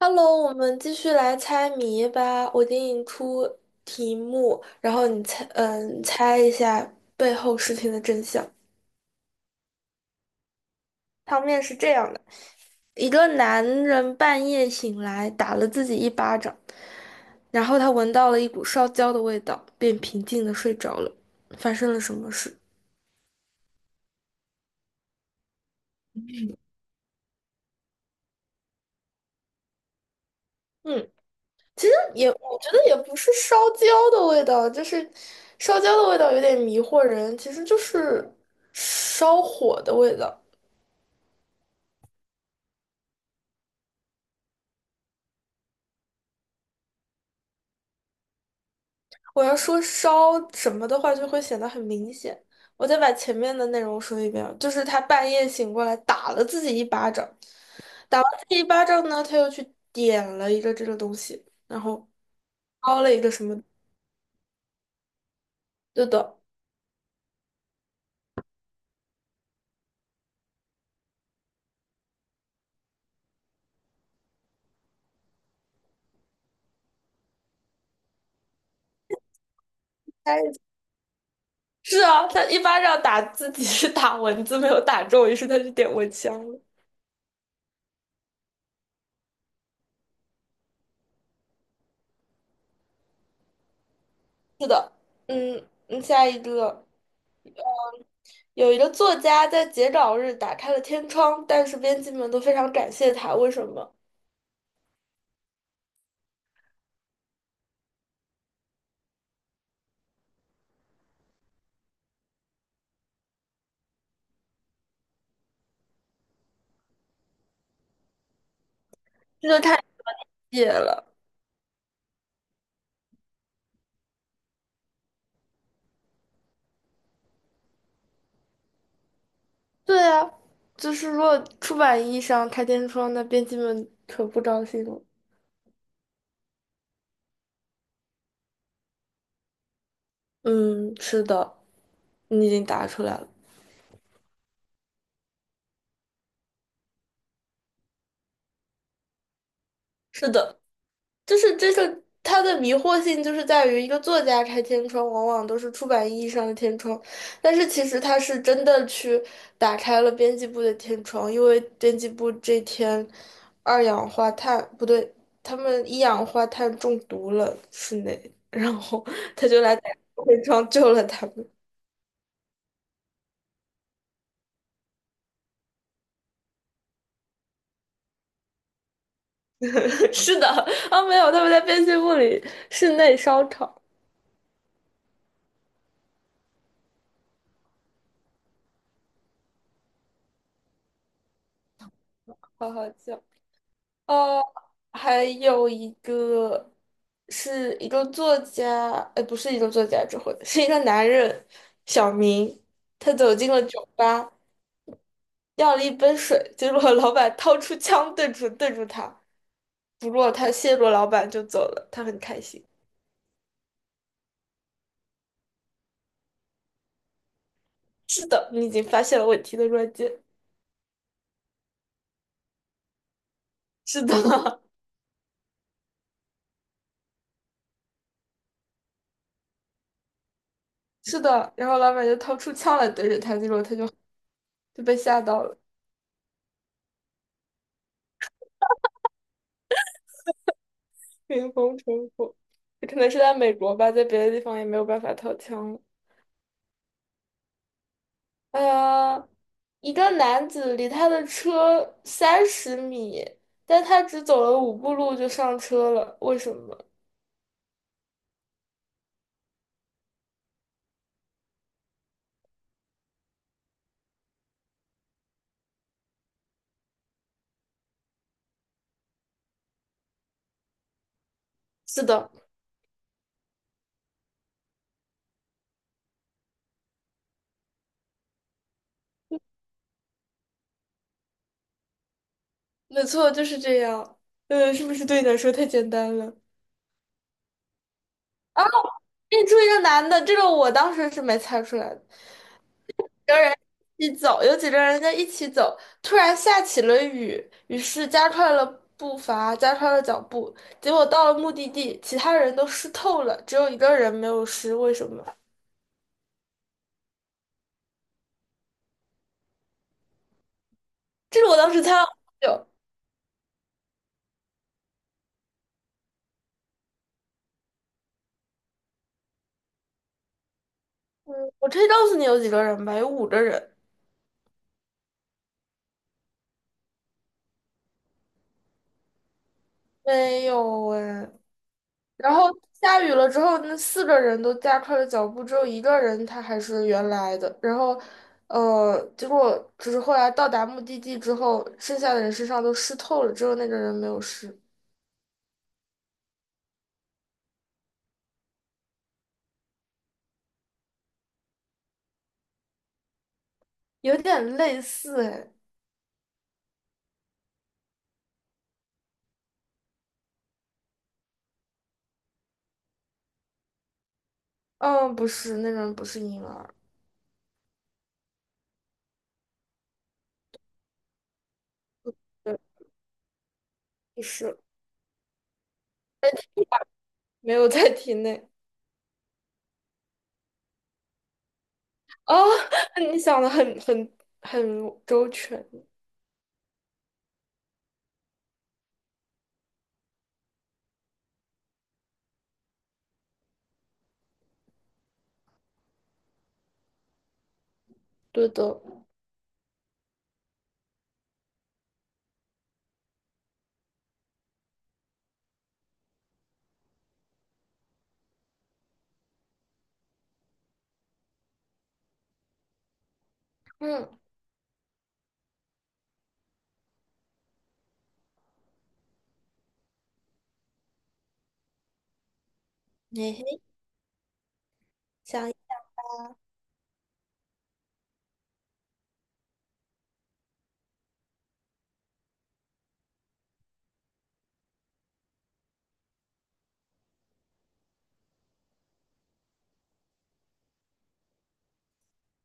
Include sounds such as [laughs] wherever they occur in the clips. Hello，我们继续来猜谜吧。我给你出题目，然后你猜，猜一下背后事情的真相。汤面是这样的：一个男人半夜醒来，打了自己一巴掌，然后他闻到了一股烧焦的味道，便平静的睡着了。发生了什么事？嗯，其实也，我觉得也不是烧焦的味道，就是烧焦的味道有点迷惑人，其实就是烧火的味道。我要说烧什么的话，就会显得很明显。我再把前面的内容说一遍啊，就是他半夜醒过来打了自己一巴掌，打完自己一巴掌呢，他又去点了一个这个东西，然后烧了一个什么，对的，是啊，他一巴掌打自己是打蚊子没有打中，于是他就点蚊香了。是的，嗯嗯，下一个。有一个作家在截稿日打开了天窗，但是编辑们都非常感谢他，为什么？这就太野了。对啊，就是如果出版意义上开天窗，那编辑们可不高兴了。嗯，是的，你已经答出来了。是的，就是这个它的迷惑性就是在于一个作家开天窗，往往都是出版意义上的天窗，但是其实他是真的去打开了编辑部的天窗，因为编辑部这天二氧化碳不对，他们一氧化碳中毒了室内，然后他就来打开天窗救了他们。[laughs] 是的，啊，没有，他们在编辑部里室内烧烤，好好笑。哦，还有一个是一个作家，不是一个作家之后，这回是一个男人，小明，他走进了酒吧，要了一杯水，结果老板掏出枪对准对住他，不过他谢过老板就走了，他很开心。是的，你已经发现了问题的关键。是的，[laughs] 是的，然后老板就掏出枪来对着他，结果他就被吓到了。[laughs] 冰封城府，可能是在美国吧，在别的地方也没有办法掏枪了。呃，一个男子离他的车30米，但他只走了五步路就上车了，为什么？是的，没错，就是这样。是不是对你来说太简单了？认出一个男的，这个我当时是没猜出来的。跟人一起走，有几个人在一起走，突然下起了雨，于是加快了步伐，加快了脚步，结果到了目的地，其他人都湿透了，只有一个人没有湿，为什么？这是我当时猜了好久，我可以告诉你有几个人吧，有五个人，没有哎，然后下雨了之后，那四个人都加快了脚步，只有一个人他还是原来的。然后，结果只是后来到达目的地之后，剩下的人身上都湿透了，只有那个人没有湿，有点类似哎。嗯，不是，那个人不是婴儿，对，不是，没有在体内。哦，[laughs] 你想的很周全，对的。嗯，嘿嘿，想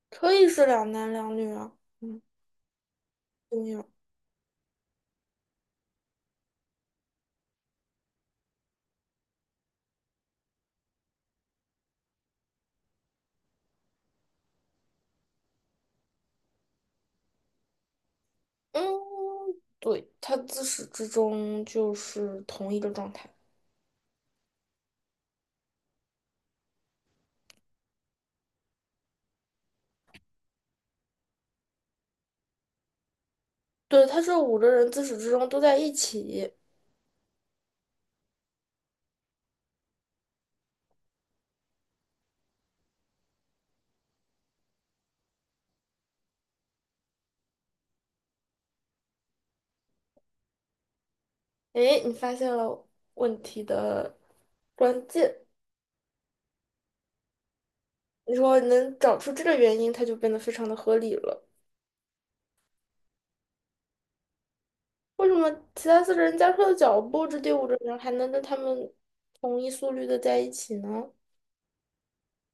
可以是两男两女啊，嗯，对呀。嗯，对，他自始至终就是同一个状态。对，他这五个人自始至终都在一起。诶，你发现了问题的关键。你说你能找出这个原因，他就变得非常的合理了。为什么其他四个人加快了脚步，这第五个人还能跟他们同一速率的在一起呢？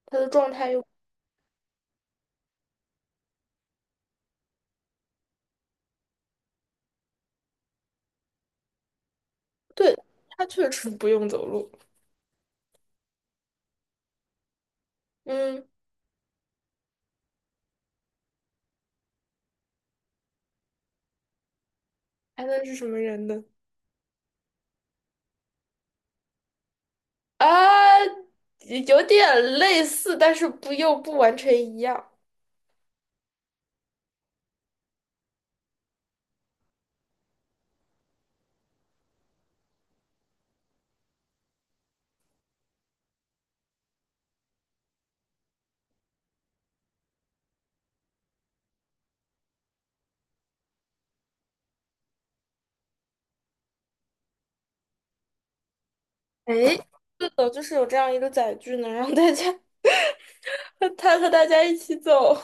他的状态又对，他确实不用走路。嗯，还能是什么人呢？啊，有点类似，但是不又不完全一样。哎，是的，就是有这样一个载具，能让大家 [laughs] 他和大家一起走。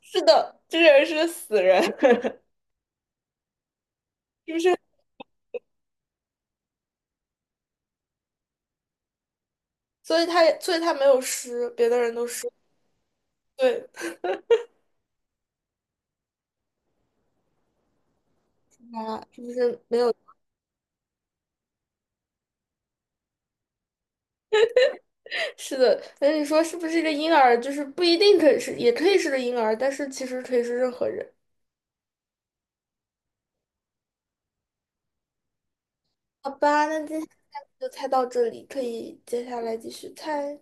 是的，这个人是个死人，[laughs] 就是？所以他也，所以他没有尸，别的人都尸。对，他是不是没有？是的，那你说是不是一个婴儿？就是不一定可以是，也可以是个婴儿，但是其实可以是任何人。好吧，那今天就猜到这里，可以接下来继续猜。